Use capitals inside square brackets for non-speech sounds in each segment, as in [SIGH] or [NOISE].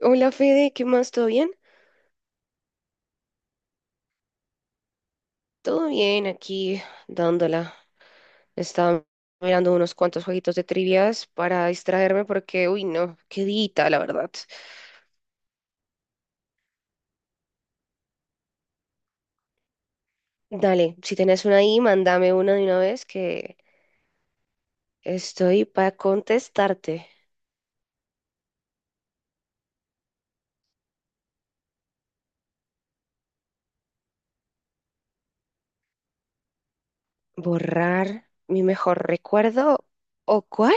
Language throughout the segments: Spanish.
Hola Fede, ¿qué más? ¿Todo bien? Todo bien, aquí dándola. Estaba mirando unos cuantos jueguitos de trivias para distraerme porque, uy, no, qué dita, la verdad. Dale, si tenés una ahí, mándame una de una vez que estoy para contestarte. ¿Borrar mi mejor recuerdo? ¿O cuál?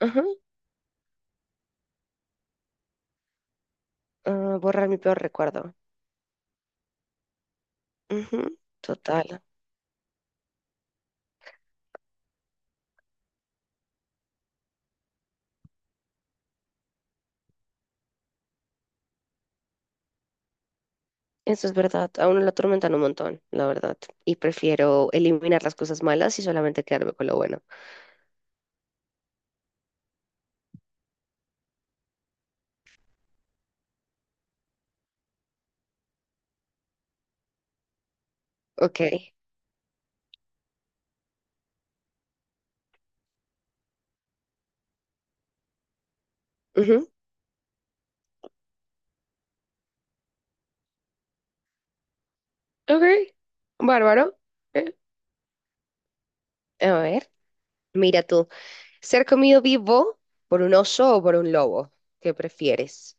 Ajá, ah, borrar mi peor recuerdo. Ujú, total. Eso es verdad, a uno lo atormentan un montón, la verdad. Y prefiero eliminar las cosas malas y solamente quedarme con lo bueno. Ok. Ujú, ok. Bárbaro. Eh, A ver. Mira tú. ¿Ser comido vivo por un oso o por un lobo? ¿Qué prefieres?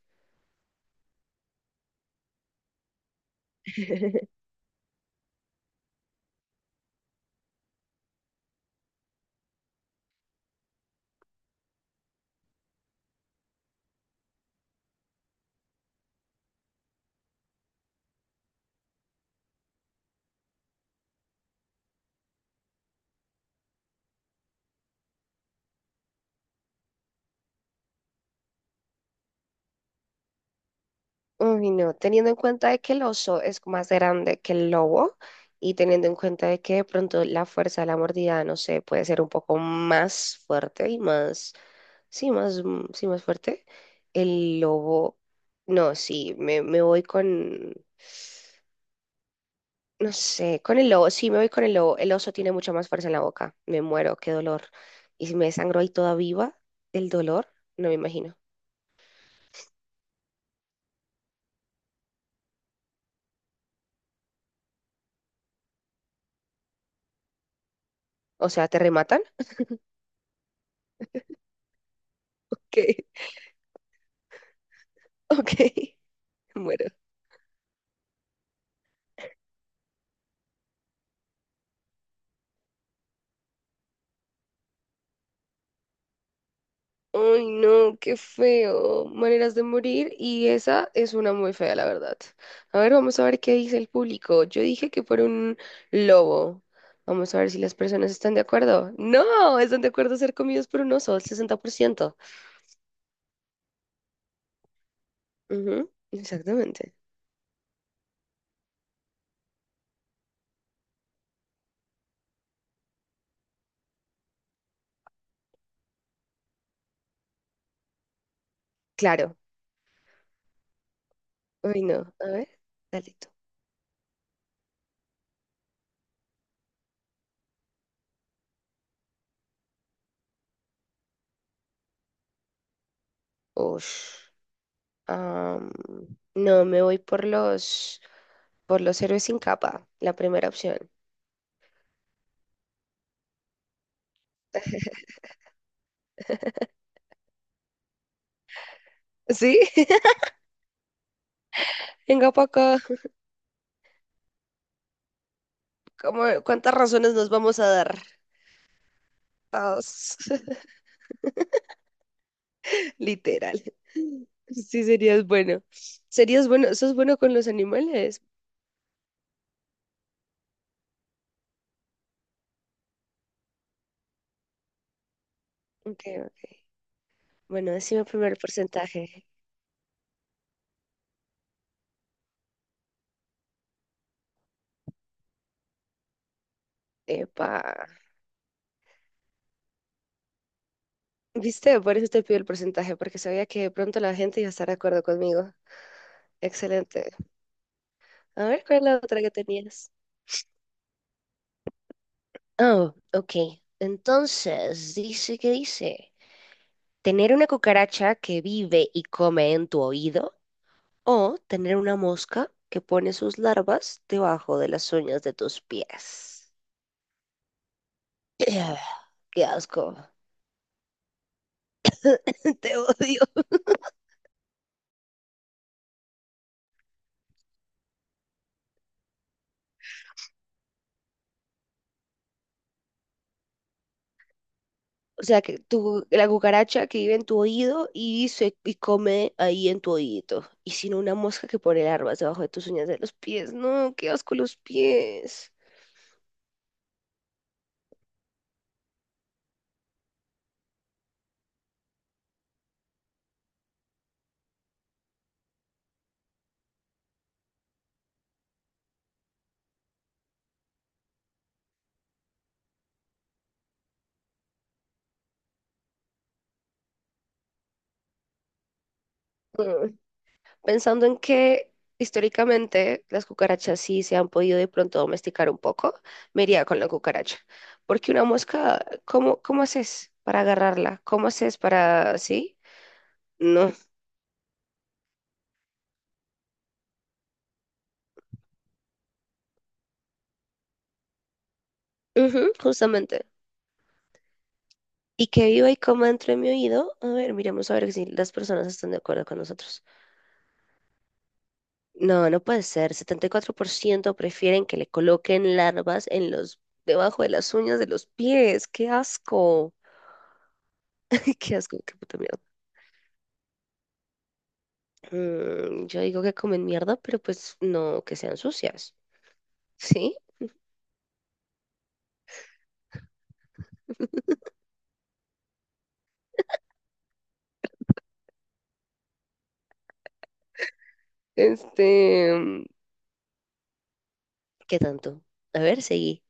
Uy, no. Teniendo en cuenta de que el oso es más grande que el lobo y teniendo en cuenta de que de pronto la fuerza de la mordida, no sé, puede ser un poco más fuerte y más, sí, más, sí, más fuerte. El lobo, no, sí, me voy con... No sé, con el lobo, sí me voy con el lobo. El oso tiene mucha más fuerza en la boca. Me muero, qué dolor. Y si me desangro ahí toda viva, el dolor, no me imagino. O sea, ¿te rematan? ¿Qué? [LAUGHS] Ok, muero. Ay, no, qué feo. Maneras de morir y esa es una muy fea, la verdad. A ver, vamos a ver qué dice el público. Yo dije que fuera un lobo. Vamos a ver si las personas están de acuerdo. No, están de acuerdo a ser comidos por un oso, el 60%. Ujú, exactamente. Claro. Uy, no. A ver, dale tú. Ush. Am, no, me voy por los héroes sin capa, la primera opción. ¿Sí? [LAUGHS] Venga para acá. ¿Cuántas razones nos vamos a dar? Todos. [LAUGHS] Literal. Sí, serías bueno. Serías bueno. ¿Sos bueno con los animales? Ok, ok. Bueno, decime primero el porcentaje. Epa. ¿Viste? Por eso te pido el porcentaje, porque sabía que de pronto la gente iba a estar de acuerdo conmigo. Excelente. A ver, ¿cuál es la otra que tenías? Oh, ok. Entonces, dice que dice, tener una cucaracha que vive y come en tu oído o tener una mosca que pone sus larvas debajo de las uñas de tus pies. [CLEARS THROAT] [SIGHS] Qué asco. [LAUGHS] Te odio. O sea, que tu, la cucaracha que vive en tu oído y, y come ahí en tu oído. Y si no, una mosca que pone larvas debajo de tus uñas de los pies. No, qué asco los pies. Mm. Pensando en que históricamente las cucarachas sí se han podido de pronto domesticar un poco, me iría con la cucaracha. Porque una mosca, ¿cómo haces para agarrarla? ¿Cómo haces para sí? No. Ujú, justamente. Y que viva y coma dentro de mi oído. A ver, miremos a ver si las personas están de acuerdo con nosotros. No, no puede ser. 74% prefieren que le coloquen larvas en debajo de las uñas de los pies. ¡Qué asco! [LAUGHS] ¡Qué asco! ¡Qué puta mierda! Yo digo que comen mierda, pero pues no que sean sucias, ¿sí? Este, ¿qué tanto? A ver, seguí.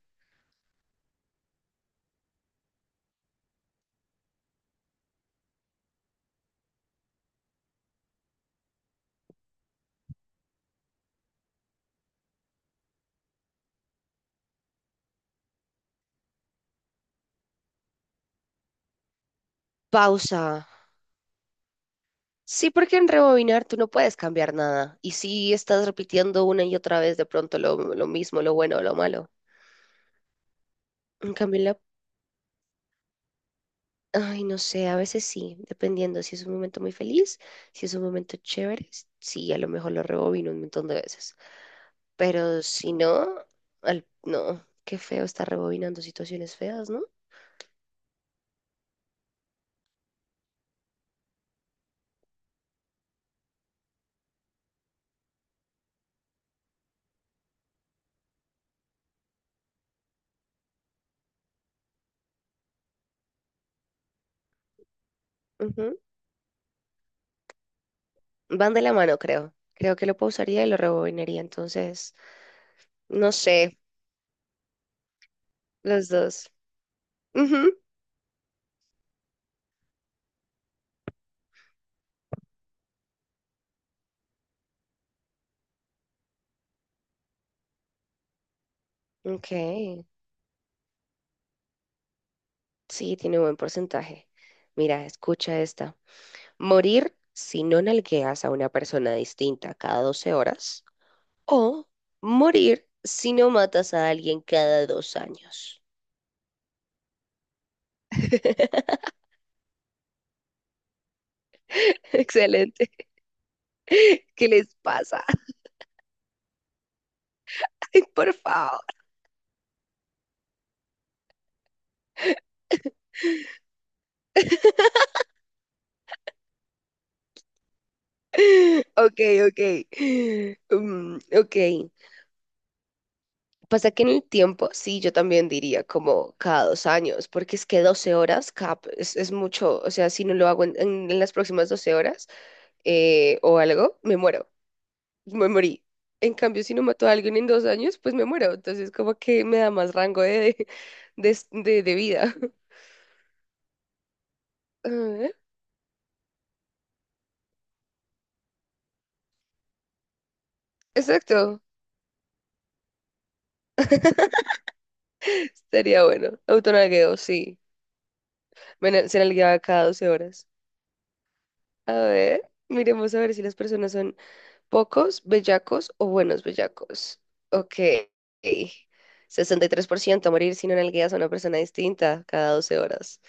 Pausa. Sí, porque en rebobinar tú no puedes cambiar nada. Y si estás repitiendo una y otra vez de pronto lo mismo, lo bueno o lo malo. En cambio, Ay, no sé, a veces sí, dependiendo si es un momento muy feliz, si es un momento chévere, sí, a lo mejor lo rebobino un montón de veces. Pero si no, no, qué feo estar rebobinando situaciones feas, ¿no? Ujú. Van de la mano, creo. Creo que lo pausaría y lo rebobinaría. Entonces, no sé, los dos. Ujú. Ok. Sí, tiene un buen porcentaje. Mira, escucha esta. Morir si no nalgueas a una persona distinta cada 12 horas o morir si no matas a alguien cada 2 años. [LAUGHS] Excelente. ¿Qué les pasa? [LAUGHS] Por favor. Ok, ok. Mm, ok. Pasa que en el tiempo, sí, yo también diría como cada 2 años, porque es que 12 horas, cap, es mucho. O sea, si no lo hago en las próximas 12 horas, o algo, me muero. Me morí. En cambio, si no mato a alguien en 2 años, pues me muero. Entonces, como que me da más rango de vida. [LAUGHS] A ver. Exacto. Estaría bueno. Autonagueo, sí. Se nalgueaba cada 12 horas. A ver, miremos a ver si las personas son pocos, bellacos o buenos bellacos. Ok. 63% morir si no nalgueas a una persona distinta cada 12 horas.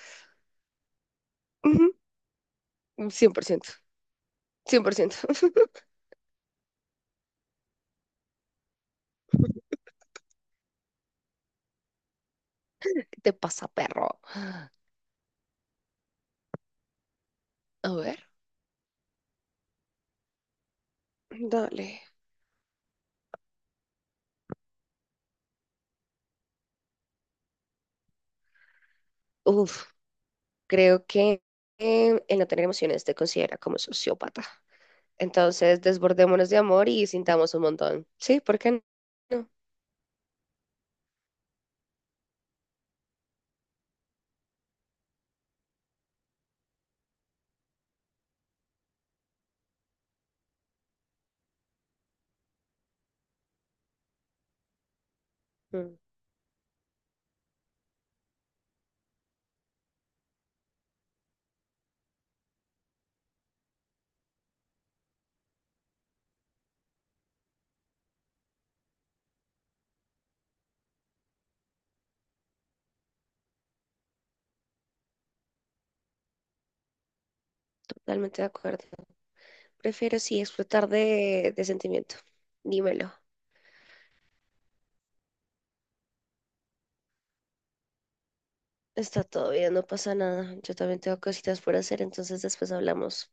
Ujú, 100% 100%. [LAUGHS] ¿Qué te pasa, perro? A ver. Dale. Uf, creo que el no tener emociones te considera como sociópata. Entonces, desbordémonos de amor y sintamos un montón. Sí, ¿por qué no? Mm, totalmente de acuerdo. Prefiero sí explotar de sentimiento. Dímelo. Está todo bien, no pasa nada. Yo también tengo cositas por hacer, entonces después hablamos.